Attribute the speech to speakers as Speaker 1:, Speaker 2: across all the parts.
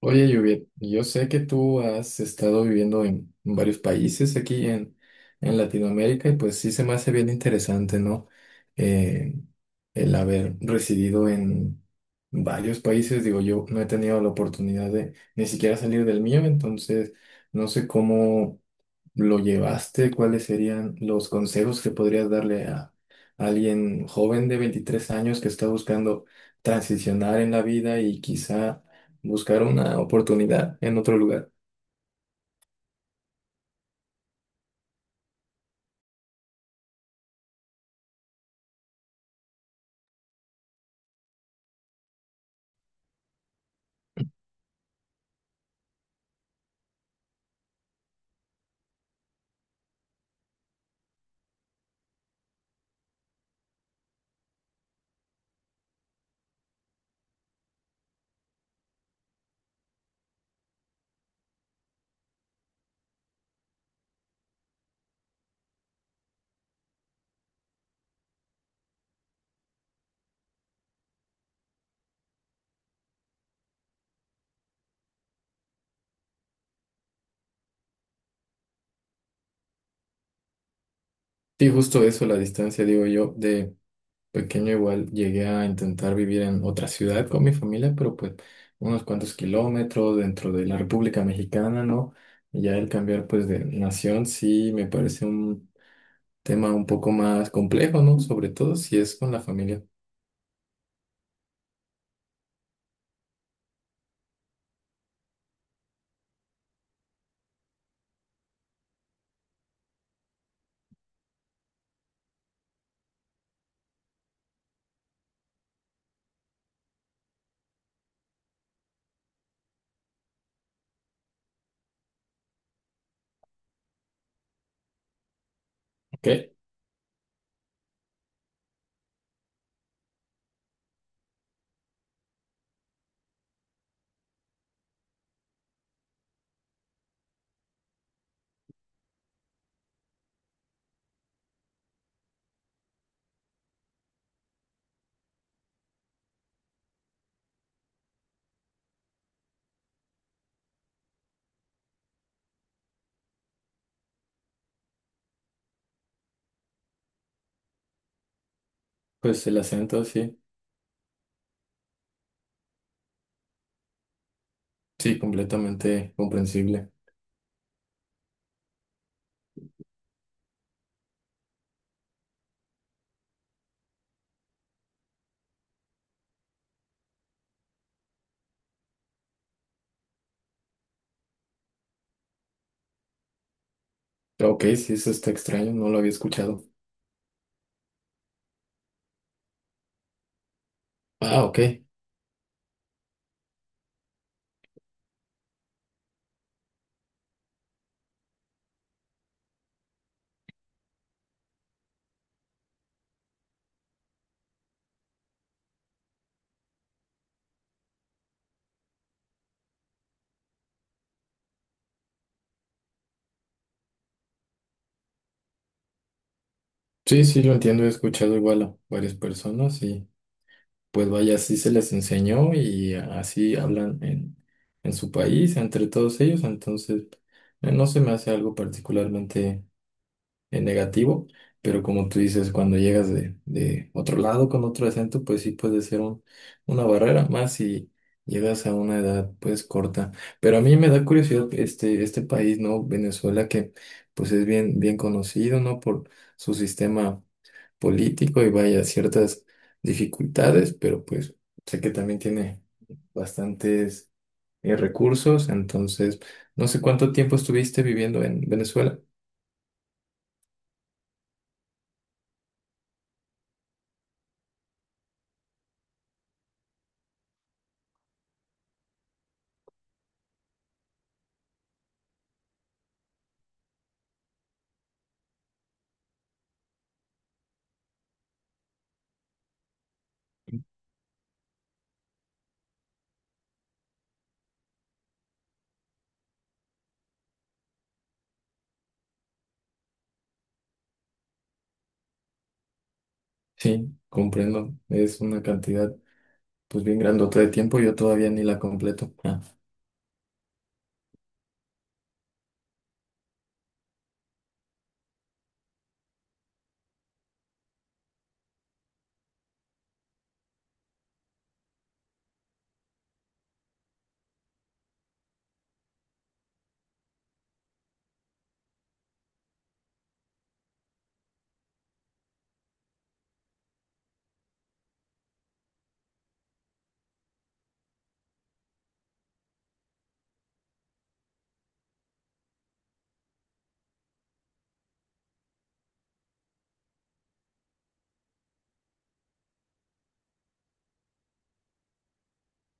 Speaker 1: Oye, Juviet, yo sé que tú has estado viviendo en varios países aquí en Latinoamérica y pues sí se me hace bien interesante, ¿no? Eh, el haber residido en varios países, digo, yo no he tenido la oportunidad de ni siquiera salir del mío, entonces no sé cómo ¿lo llevaste? ¿Cuáles serían los consejos que podrías darle a alguien joven de 23 años que está buscando transicionar en la vida y quizá buscar una oportunidad en otro lugar? Sí, justo eso, la distancia, digo yo, de pequeño igual llegué a intentar vivir en otra ciudad con mi familia, pero pues unos cuantos kilómetros dentro de la República Mexicana, ¿no? Y ya el cambiar pues de nación sí me parece un tema un poco más complejo, ¿no? Sobre todo si es con la familia. Ok, pues el acento, sí, sí, completamente comprensible. Ok, sí, eso está extraño, no lo había escuchado. Ah, ok. Sí, sí, lo entiendo, he escuchado igual a varias personas y pues vaya, así se les enseñó y así hablan en su país, entre todos ellos, entonces no se me hace algo particularmente en negativo, pero como tú dices, cuando llegas de otro lado con otro acento, pues sí puede ser una barrera más si llegas a una edad pues corta. Pero a mí me da curiosidad este país, ¿no? Venezuela, que pues es bien, bien conocido, ¿no? Por su sistema político y vaya ciertas dificultades, pero pues sé que también tiene bastantes recursos, entonces no sé cuánto tiempo estuviste viviendo en Venezuela. Sí, comprendo. Es una cantidad, pues bien grandota de tiempo. Yo todavía ni la completo. Ah,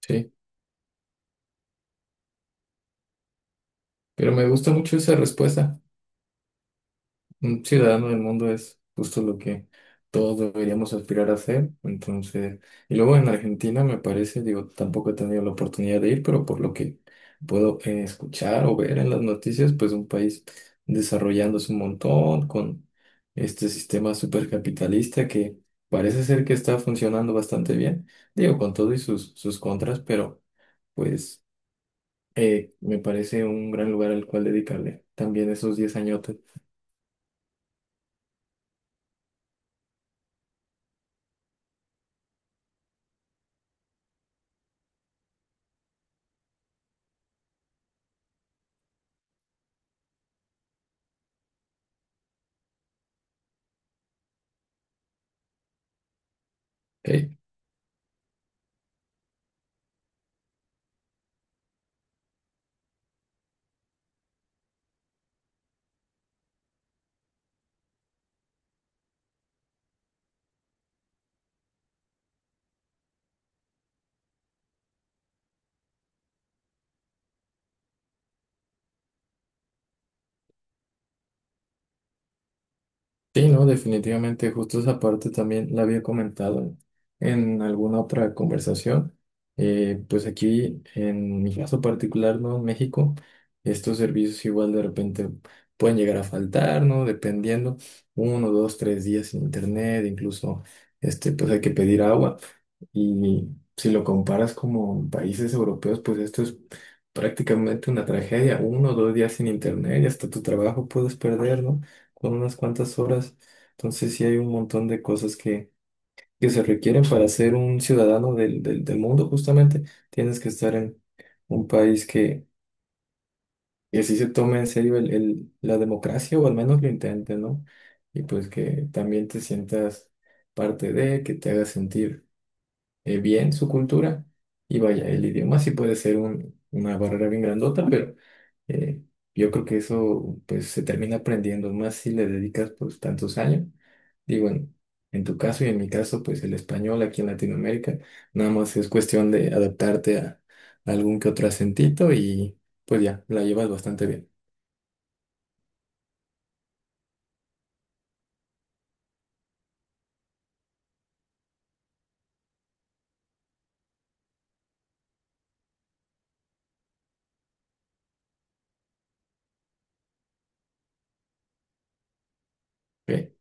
Speaker 1: sí, pero me gusta mucho esa respuesta. Un ciudadano del mundo es justo lo que todos deberíamos aspirar a ser. Entonces, y luego en Argentina me parece, digo, tampoco he tenido la oportunidad de ir, pero por lo que puedo escuchar o ver en las noticias, pues un país desarrollándose un montón con este sistema supercapitalista que parece ser que está funcionando bastante bien, digo, con todo y sus contras, pero pues me parece un gran lugar al cual dedicarle también esos 10 añotes. ¿Ok? Sí, no, definitivamente, justo esa parte también la había comentado en alguna otra conversación. Pues aquí, en mi caso particular, ¿no? En México, estos servicios igual de repente pueden llegar a faltar, ¿no? Dependiendo, uno, dos, tres días sin internet, incluso, pues hay que pedir agua. Y si lo comparas como países europeos, pues esto es prácticamente una tragedia. Uno o dos días sin internet y hasta tu trabajo puedes perder, ¿no? Con unas cuantas horas. Entonces sí hay un montón de cosas que se requieren para ser un ciudadano del mundo, justamente. Tienes que estar en un país que sí se tome en serio la democracia o al menos lo intente, ¿no? Y pues que también te sientas parte de, que te haga sentir bien su cultura. Y vaya, el idioma sí puede ser una barrera bien grandota, pero eh, yo creo que eso pues se termina aprendiendo más si le dedicas pues tantos años. Digo, en tu caso y en mi caso, pues el español aquí en Latinoamérica, nada más es cuestión de adaptarte a algún que otro acentito y pues ya, la llevas bastante bien. ¿Ok?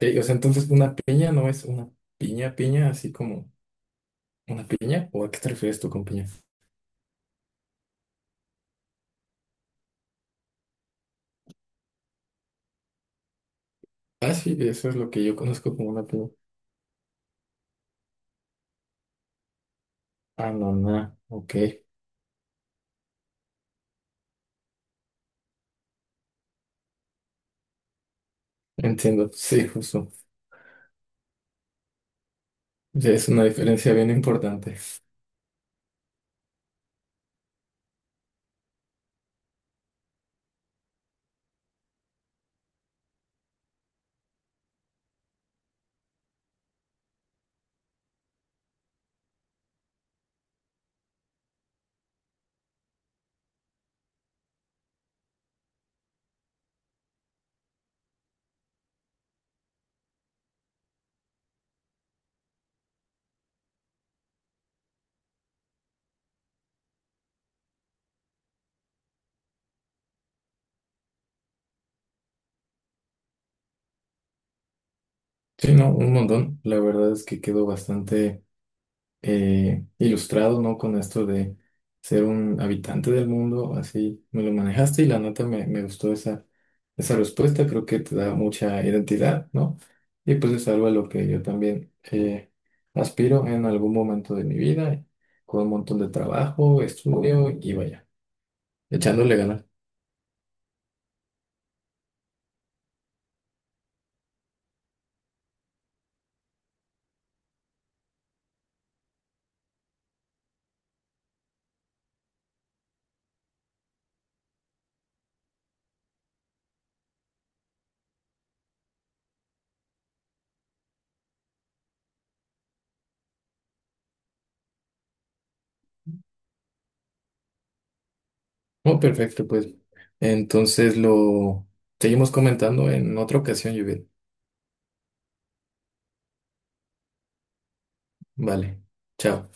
Speaker 1: O sea, entonces una piña no es una piña, piña, así como una piña, ¿o a qué te refieres tú con piña? Ah, sí, eso es lo que yo conozco como una piña. Ah, no, no, ok. Entiendo, sí, justo. Ya es una diferencia bien importante. Sí, no, un montón. La verdad es que quedo bastante ilustrado, ¿no? Con esto de ser un habitante del mundo, así me lo manejaste y la neta me gustó esa respuesta. Creo que te da mucha identidad, ¿no? Y pues es algo a lo que yo también aspiro en algún momento de mi vida, con un montón de trabajo, estudio y vaya. Echándole ganas. Oh, perfecto, pues. Entonces lo seguimos comentando en otra ocasión, Judith. Vale. Chao.